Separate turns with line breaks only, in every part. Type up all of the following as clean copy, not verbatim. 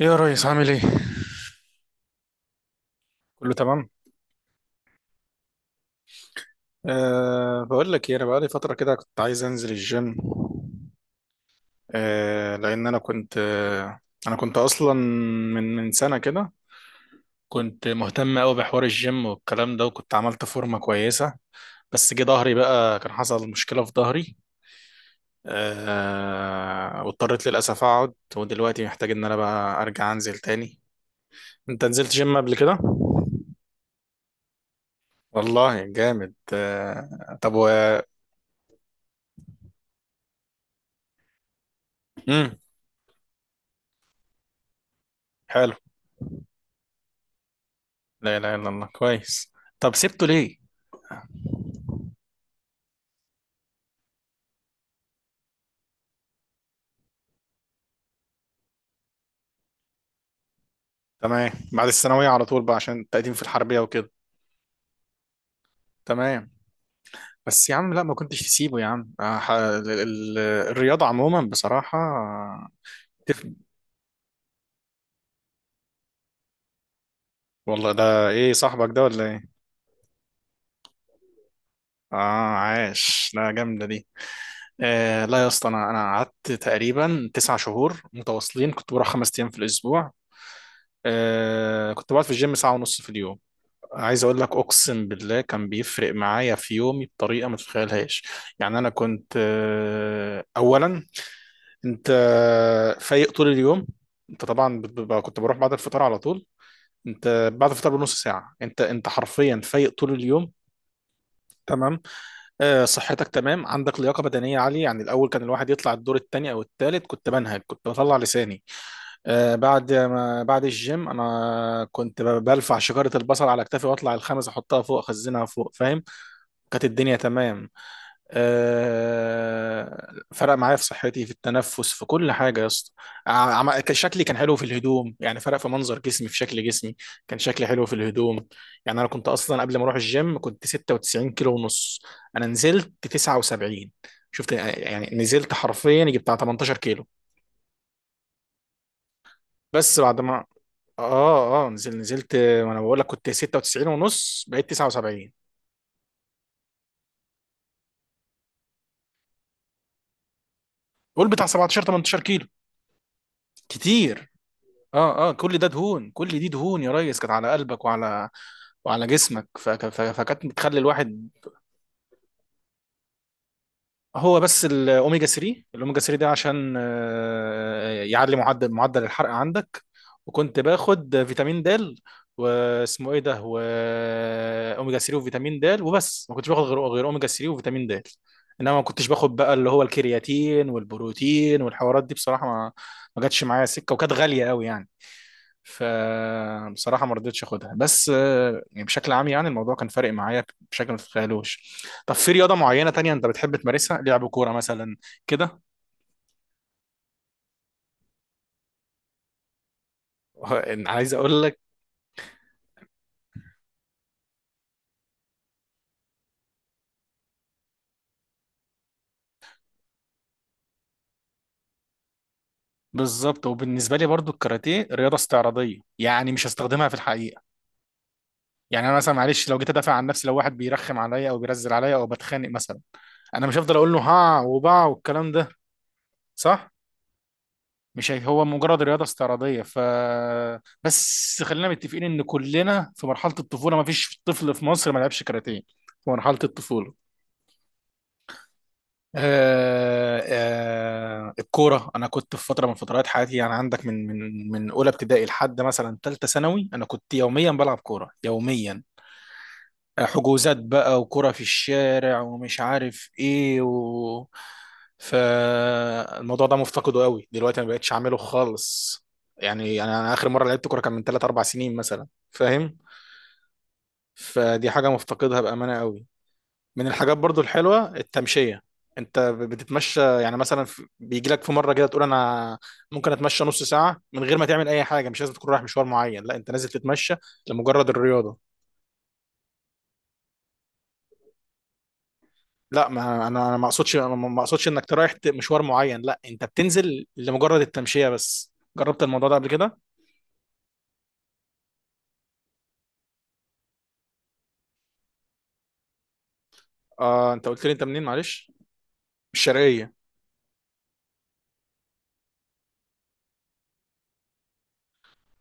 ايه يا ريس؟ عامل ايه؟ كله تمام؟ أه، بقول لك ايه، انا بقالي فترة كده كنت عايز انزل الجيم. لان انا كنت انا كنت اصلا من سنة كده كنت مهتم قوي بحوار الجيم والكلام ده، وكنت عملت فورمة كويسة. بس جه ظهري بقى، كان حصل مشكلة في ظهري. واضطريت للأسف اقعد، ودلوقتي محتاج ان انا بقى ارجع انزل تاني. انت نزلت جيم قبل كده؟ والله جامد. طب و مم. حلو. لا إله إلا الله، كويس. طب سبته ليه؟ تمام، بعد الثانوية على طول بقى عشان التقديم في الحربية وكده. تمام. بس يا عم لا، ما كنتش تسيبه يا عم. الرياضة عموما بصراحة تفرق. والله ده ايه، صاحبك ده ولا ايه؟ اه، عاش، لا جامدة دي. لا يا اسطى، انا قعدت تقريبا تسع شهور متواصلين، كنت بروح خمس ايام في الاسبوع. كنت بقعد في الجيم ساعة ونص في اليوم. عايز اقول لك، اقسم بالله كان بيفرق معايا في يومي بطريقه ما تتخيلهاش. يعني انا كنت اولا انت فايق طول اليوم. انت طبعا كنت بروح بعد الفطار على طول. انت بعد الفطار بنص ساعه، انت حرفيا فايق طول اليوم. تمام. صحتك تمام، عندك لياقه بدنيه عاليه. يعني الاول كان الواحد يطلع الدور الثاني او الثالث كنت بنهج، كنت بطلع لساني. آه، بعد ما بعد الجيم انا كنت بلفع شجره البصل على كتافي، واطلع الخمس احطها فوق، اخزنها فوق، فاهم. كانت الدنيا تمام. فرق معايا في صحتي، في التنفس، في كل حاجه يا اسطى. كان شكلي كان حلو في الهدوم، يعني فرق في منظر جسمي، في شكل جسمي. كان شكلي حلو في الهدوم. يعني انا كنت اصلا قبل ما اروح الجيم كنت 96 كيلو ونص، انا نزلت 79. شفت؟ يعني نزلت حرفيا يجي بتاع 18 كيلو. بس بعد ما اه نزلت، وانا بقول لك كنت 96 ونص، بقيت 79. قول بتاع 17 18 كيلو، كتير. اه اه، كل ده دهون، كل دي دهون يا ريس كانت على قلبك وعلى، وعلى جسمك. فكانت بتخلي الواحد. هو بس الاوميجا 3، الاوميجا 3 ده عشان يعلي معدل الحرق عندك. وكنت باخد فيتامين د، واسمه ايه ده، واوميجا 3 وفيتامين د وبس، ما كنتش باخد غير اوميجا 3 وفيتامين د. انما ما كنتش باخد بقى اللي هو الكرياتين والبروتين والحوارات دي، بصراحة ما ما جاتش معايا سكة، وكانت غالية قوي يعني. فبصراحة ما رضيتش اخدها. بس يعني بشكل عام يعني الموضوع كان فارق معايا بشكل ما تتخيلوش. طب في رياضة معينة تانية انت بتحب تمارسها، لعب كورة مثلا كده؟ أنا عايز اقول لك، بالظبط. وبالنسبة لي برضو الكاراتيه رياضة استعراضية، يعني مش هستخدمها في الحقيقة. يعني انا مثلا معلش لو جيت ادافع عن نفسي، لو واحد بيرخم عليا او بيرزل عليا او بتخانق مثلا، انا مش هفضل اقول له ها وبا والكلام ده، صح. مش هي- هو مجرد رياضة استعراضية. ف بس خلينا متفقين ان كلنا في مرحلة الطفولة، ما فيش طفل في مصر ما لعبش كاراتيه في مرحلة الطفولة. آه. آه الكورة، أنا كنت في فترة من فترات حياتي، يعني عندك من من أولى ابتدائي لحد مثلا تالتة ثانوي أنا كنت يوميا بلعب كورة، يوميا. حجوزات بقى، وكرة في الشارع، ومش عارف ايه و... فالموضوع ده مفتقده قوي دلوقتي، ما بقتش اعمله خالص. يعني انا اخر مره لعبت كوره كان من 3 4 سنين مثلا، فاهم. فدي حاجه مفتقدها بامانه قوي. من الحاجات برضو الحلوه التمشيه. انت بتتمشى، يعني مثلا بيجي لك في مره كده تقول انا ممكن اتمشى نص ساعه من غير ما تعمل اي حاجه، مش لازم تكون رايح مشوار معين، لا، انت نازل تتمشى لمجرد الرياضه. لا، ما انا ما اقصدش، انا ما اقصدش انك رايح مشوار معين، لا، انت بتنزل لمجرد التمشيه بس. جربت الموضوع ده قبل كده؟ اه، انت قلت لي انت منين معلش، من الشرقيه؟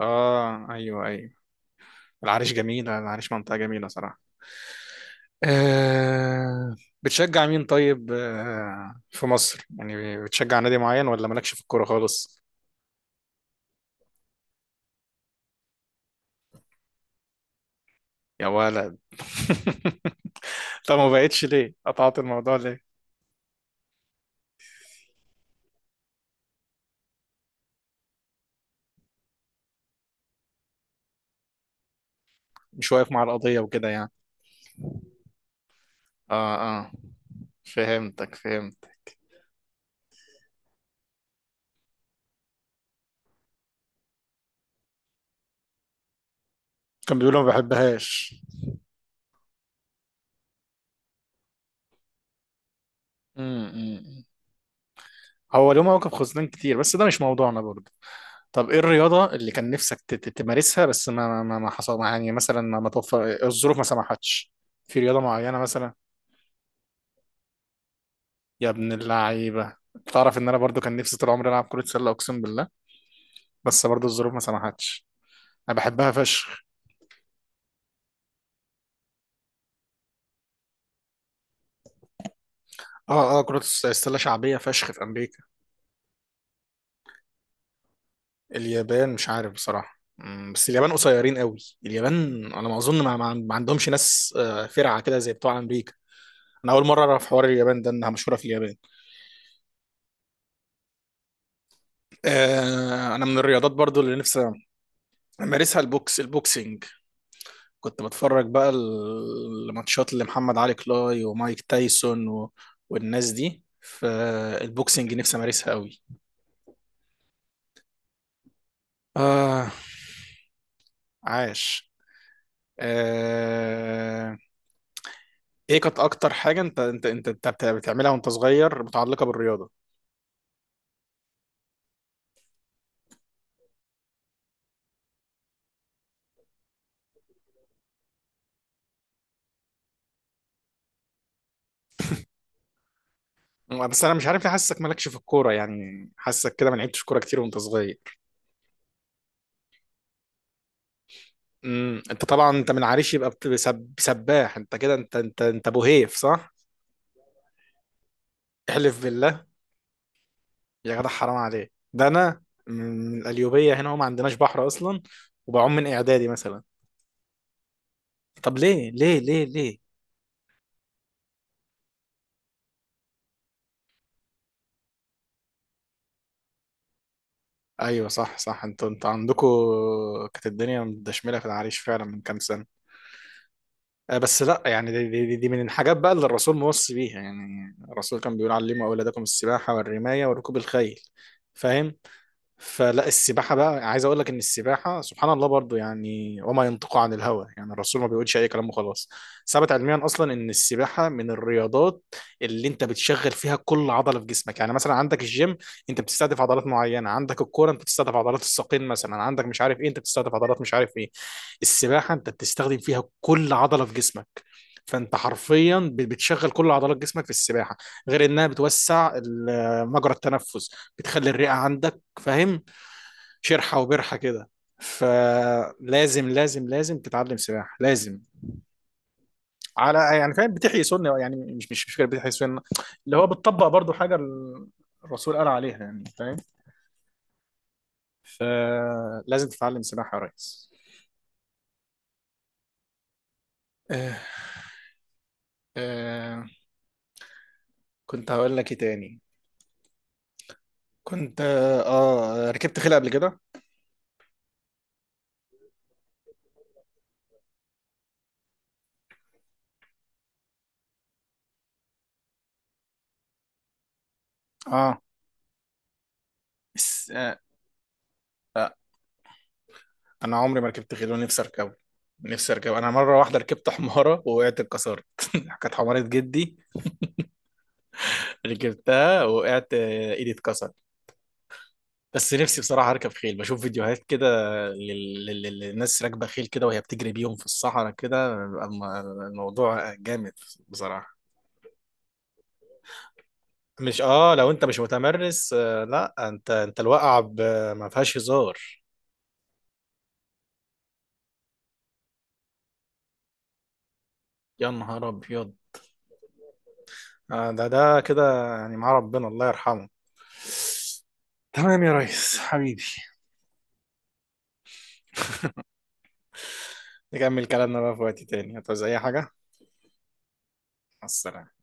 اه، ايوه ايوه. العريش جميله، العريش منطقه جميله صراحه. آه. بتشجع مين طيب، آه في مصر يعني، بتشجع نادي معين ولا مالكش في الكوره خالص؟ يا ولد طب ما بقتش ليه، قطعت الموضوع ليه؟ مش واقف مع القضيه وكده يعني. اه. اه، فهمتك، فهمت. كان بيقول أنا ما بحبهاش. امم. هو له مواقف خزنان كتير، بس ده مش موضوعنا برضه. طب ايه الرياضة اللي كان نفسك تمارسها، بس ما ما ما حصل ما- يعني مثلا ما ما توفر الظروف ما سمحتش؟ في رياضة معينة مثلا. يا ابن اللعيبة، تعرف ان انا برضو كان نفسي طول عمري العب كرة سلة، اقسم بالله. بس برضو الظروف ما سمحتش، انا بحبها فشخ. اه اه، كرة السلة شعبية فشخ في امريكا. اليابان مش عارف بصراحة، بس اليابان قصيرين قوي. اليابان انا ما اظن ما عندهمش ناس فرعة كده زي بتوع امريكا. انا اول مرة اعرف حوار اليابان ده، انها مشهورة في اليابان. انا من الرياضات برضو اللي نفسي امارسها البوكس، البوكسنج. كنت بتفرج بقى الماتشات اللي محمد علي كلاي ومايك تايسون و... والناس دي، فالبوكسنج نفسي امارسها قوي. آه. عاش. آه. ايه كانت اكتر حاجة انت بتعملها وانت صغير متعلقة بالرياضة؟ بس انا مش عارف ليه حاسسك مالكش في الكورة يعني، حاسسك كده ما لعبتش كورة كتير وانت صغير. امم. انت طبعا انت من عريش، يبقى سباح انت كده، انت ابو هيف، صح؟ احلف بالله. يا جدع حرام عليك، ده انا من القليوبية هنا وما عندناش بحر اصلا، وبعوم من اعدادي مثلا. طب ليه ليه؟ ايوه صح صح، انتوا عندكم كانت الدنيا مدشمله في العريش فعلا من كام سنه. بس لا، يعني دي من الحاجات بقى اللي الرسول موصي بيها. يعني الرسول كان بيقول علموا اولادكم السباحه والرمايه وركوب الخيل، فاهم. فلا السباحة بقى، عايز اقول لك ان السباحة سبحان الله برضو، يعني وما ينطق عن الهوى، يعني الرسول ما بيقولش اي كلام وخلاص. ثبت علميا اصلا ان السباحة من الرياضات اللي انت بتشغل فيها كل عضلة في جسمك. يعني مثلا عندك الجيم، انت بتستهدف عضلات معينة. عندك الكورة، انت بتستهدف عضلات الساقين مثلا. عندك مش عارف ايه، انت بتستهدف عضلات مش عارف ايه. السباحة انت بتستخدم فيها كل عضلة في جسمك، فانت حرفيا بتشغل كل عضلات جسمك في السباحه. غير انها بتوسع مجرى التنفس، بتخلي الرئه عندك، فاهم، شرحه وبرحه كده. فلازم لازم لازم تتعلم سباحه، لازم. على يعني فاهم، بتحيي سنه يعني، مش فكره، بتحيي سنه. اللي هو بتطبق برضو حاجه الرسول قال عليها، يعني فاهم. فلازم تتعلم سباحه يا ريس. آه. آه. كنت هقول لك ايه تاني؟ كنت ركبت خيل قبل كده؟ اه، بس آه، انا عمري ما ركبت خيل ونفسي اركبه. نفسي اركبه. انا مره واحده ركبت حماره ووقعت، اتكسرت كانت حماره جدي. ركبتها، وقعت، ايدي اتكسر. بس نفسي بصراحة اركب خيل. بشوف فيديوهات كده للناس راكبة خيل كده، وهي بتجري بيهم في الصحراء كده. الموضوع جامد بصراحة. مش اه لو انت مش متمرس، آه لا، انت انت الواقعة ما فيهاش هزار. يا نهار ابيض. آه، ده ده كده يعني، مع ربنا، الله يرحمه. تمام يا ريس حبيبي، نكمل كلامنا بقى في وقت تاني. هتعوز اي حاجة؟ مع السلامة.